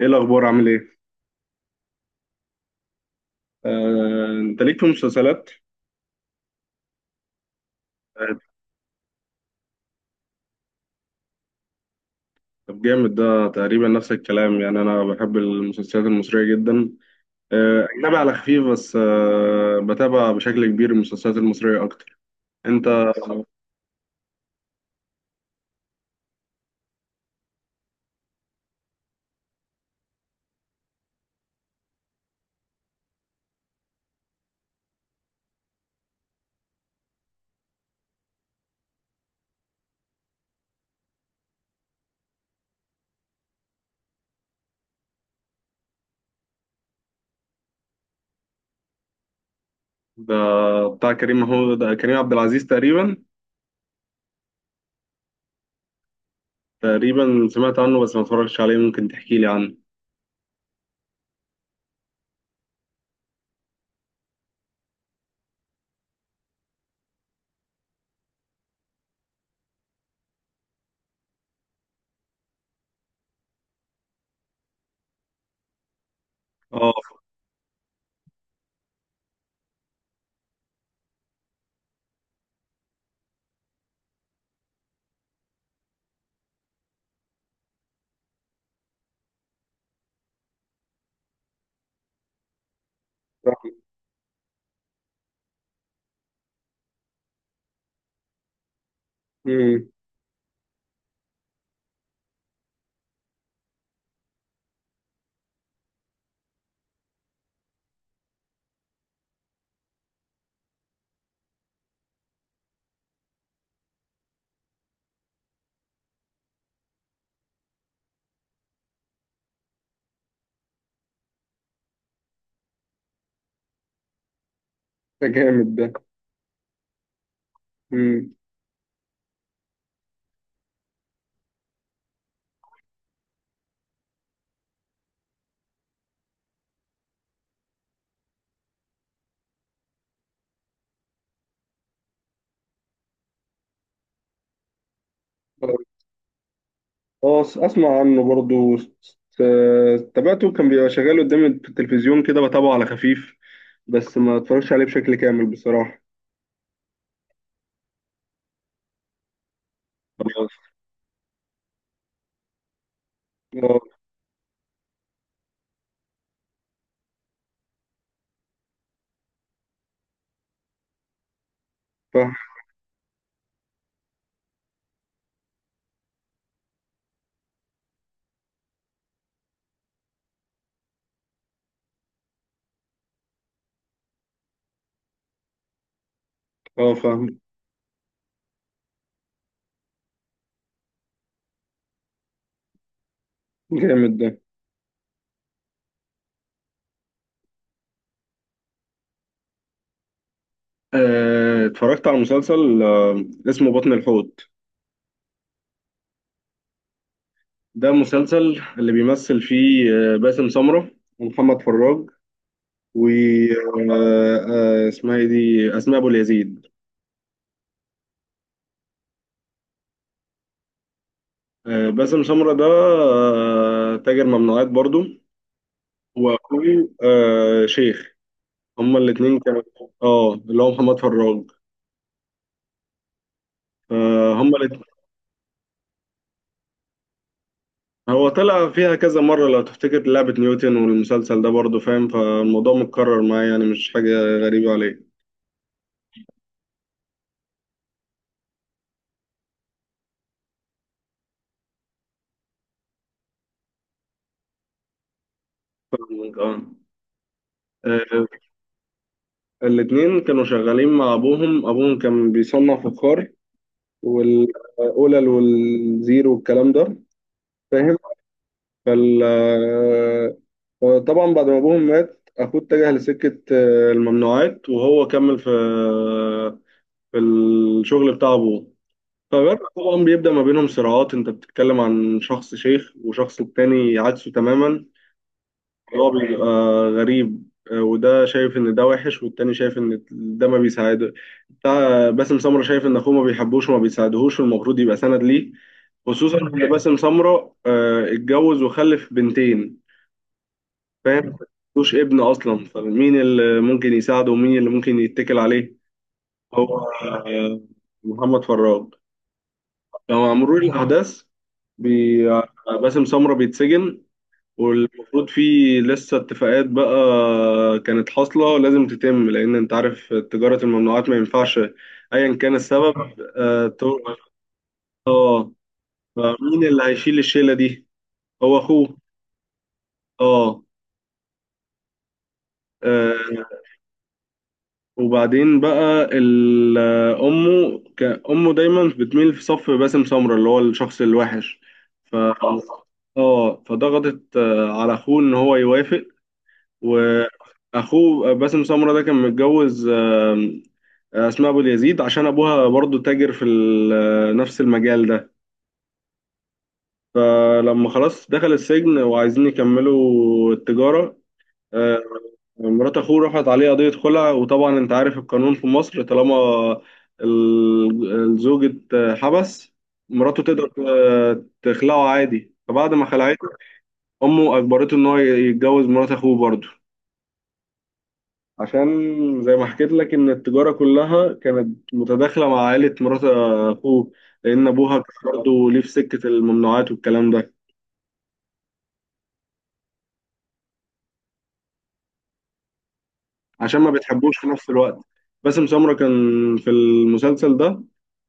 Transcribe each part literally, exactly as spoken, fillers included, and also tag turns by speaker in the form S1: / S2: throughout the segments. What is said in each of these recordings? S1: ايه الاخبار؟ عامل ايه؟ آه، انت ليك في المسلسلات؟ آه، طب جامد ده. تقريبا نفس الكلام، يعني انا بحب المسلسلات المصريه جدا. آه، اجنبي على خفيف، بس آه، بتابع بشكل كبير المسلسلات المصريه اكتر. انت؟ ده بتاع كريم محمود. ده كريم عبد العزيز تقريبا. تقريبا سمعت عنه، بس ما اتفرجتش عليه. ممكن تحكي لي عنه؟ اه. امم. ده جامد ده. امم. اه. أس- اسمع عنه برضو. س- تابعته، كان بيبقى شغال قدامي في التلفزيون كده، بتابعه على خفيف، بس ما اتفرجش عليه بشكل كامل بصراحة. خلاص. اه، فاهم. اه، فاهم. جامد ده. آه، اتفرجت على مسلسل آه، اسمه بطن الحوت. ده مسلسل اللي بيمثل فيه آه، باسم سمرة، ومحمد فراج، و آه، آه، اسمها ايه دي، اسماء ابو اليزيد. آه، باسم سمرة ده آه، تاجر ممنوعات برضو. واخوه آه، شيخ. هما الاتنين كانوا. اه، اللي هو محمد فراج. فهم الاتنين. هو طلع فيها كذا مرة، لو تفتكر لعبة نيوتن والمسلسل ده برضه، فاهم؟ فالموضوع متكرر معايا، يعني مش حاجة غريبة عليك. اه. آه، الاتنين كانوا شغالين مع أبوهم. أبوهم كان بيصنع فخار، والأولى والزيرو والكلام ده. فاهم؟ فال آه، آه، طبعا بعد ما أبوهم مات، أخوه اتجه لسكة آه، الممنوعات، وهو كمل في في الشغل بتاع ابوه. فبرق طبعا بيبدأ ما بينهم صراعات. انت بتتكلم عن شخص شيخ وشخص التاني عكسه تماما. هو بيبقى غريب، آه، وده شايف ان ده وحش، والتاني شايف ان ده ما بيساعده. بتاع باسم سمرة شايف ان اخوه ما بيحبوش وما بيساعدهوش، والمفروض يبقى سند ليه. خصوصا ان باسم سمرة آه، اتجوز وخلف بنتين. فاهم؟ ملوش ابن اصلا، فمين اللي ممكن يساعده ومين اللي ممكن يتكل عليه؟ هو آه، محمد فراج. لو على مرور الأحداث، بي... باسم سمرة بيتسجن، والمفروض في لسه اتفاقات بقى كانت حاصلة لازم تتم، لأن أنت عارف تجارة الممنوعات ما ينفعش أيا كان السبب. آه تو- آه فمين اللي هيشيل الشيلة دي؟ هو أخوه. آه. آه، وبعدين بقى ال- امه ك- امه دايما بتميل في صف باسم سمرة، اللي هو الشخص الوحش. ف اه، فضغطت آه، على اخوه ان هو يوافق. واخوه باسم سمرة ده كان متجوز آم، اسماء ابو اليزيد، عشان ابوها برضو تاجر في ال- نفس المجال ده. فلما خلاص دخل السجن وعايزين يكملوا التجارة، آه، مرات اخوه رفعت عليه قضية خلع. وطبعا انت عارف القانون في مصر، طالما ال- الزوج اتحبس، مراته تقدر ت- تخلعه عادي. فبعد ما خلعته، امه اجبرته ان هو يتجوز مرات اخوه برضه. عشان زي ما حكيت لك ان التجارة كلها كانت متداخلة مع عائلة مرات اخوه، لان ابوها كان برضه ليه في سكة الممنوعات والكلام ده. عشان ما بتحبوش في نفس الوقت. باسم سمرة كان في المسلسل ده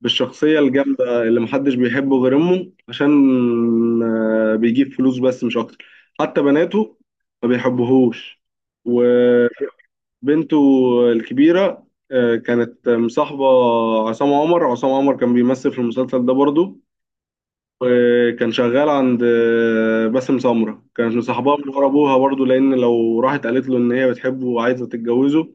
S1: بالشخصية الجامدة اللي محدش بيحبه غير أمه، عشان آه، بيجيب فلوس بس مش أكتر. حتى بناته ما بيحبوهوش. وبنته الكبيرة آه، كانت مصاحبة عصام عمر. عصام عمر كان بيمثل في المسلسل ده برضو، وكان شغال عند آه، باسم سمرة. كانت مصاحباه من ورا ابوها برضه، لان لو راحت قالت له ان هي بتحبه وعايزه تتجوزه،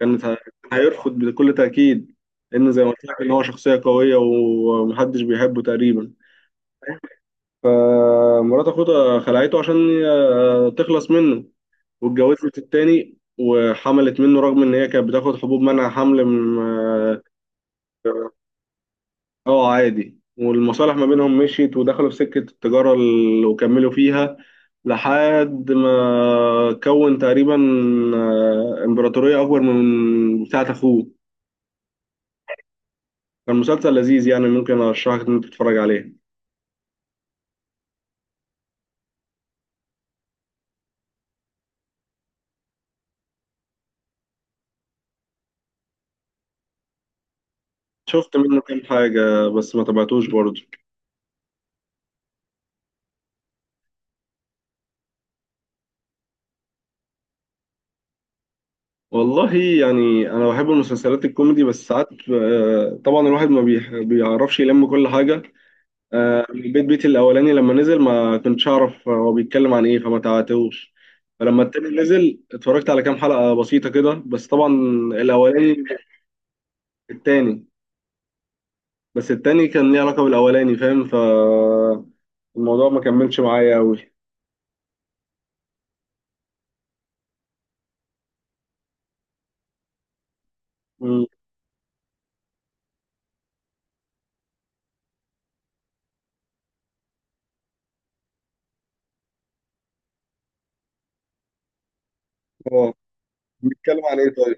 S1: كانت ه- كان هيرفض بكل تاكيد. لان زي ما قلت لك ان هو شخصيه قويه ومحدش بيحبه تقريبا. فمرات اخوته خلعته عشان ي- تخلص منه، واتجوزت التاني وحملت منه، رغم ان هي كانت بتاخد حبوب منع حمل. اه، عادي. والمصالح ما بينهم مشيت ودخلوا في سكة التجارة ال- وكملوا فيها، لحد ما كون تقريبا آه، إمبراطورية أكبر من بتاعة أخوه. كان مسلسل لذيذ، يعني ممكن أرشحك إن أنت تتفرج عليه. شفت منه كام حاجة، بس ما تابعتوش برضه. والله يعني أنا بحب المسلسلات الكوميدي، بس ساعات آه، طبعا الواحد ما بيح- بيعرفش يلم كل حاجة. آه، البيت بيتي الاولاني لما نزل ما كنتش اعرف هو بيتكلم عن ايه، فما تعاتوش. فلما التاني نزل اتفرجت على كام حلقة بسيطة كده، بس طبعا. الاولاني. التاني. بس التاني كان ليه علاقة بالاولاني، فاهم؟ فالموضوع ما كملش معايا قوي. اه. بيتكلم عن ايه طيب؟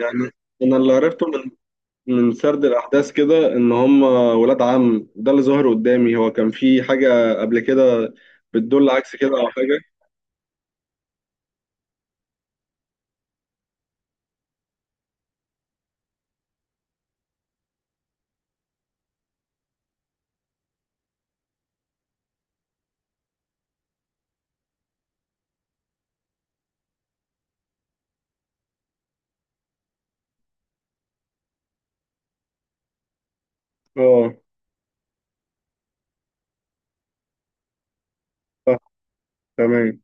S1: يعني انا اللي عرفته من من سرد الاحداث كده، ان هم ولاد عم. ده اللي ظهر قدامي، هو كان في حاجة قبل كده بتدل عكس كده، او حاجة؟ اه، صح، تمام.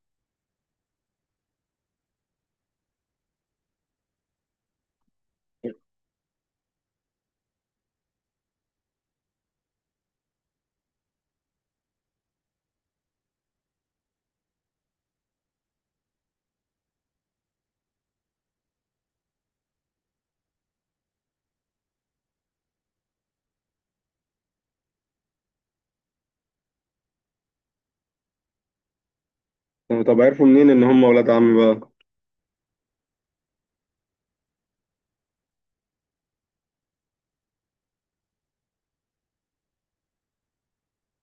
S1: طب عرفوا منين ان هم ولاد عم بقى؟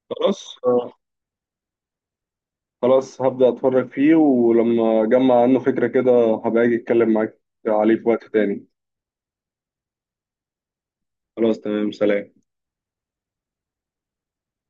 S1: خلاص. آه. خلاص، هبدأ اتفرج فيه، ولما اجمع عنه فكرة كده هبقى اجي اتكلم معاك عليه في وقت تاني. خلاص، تمام، سلام.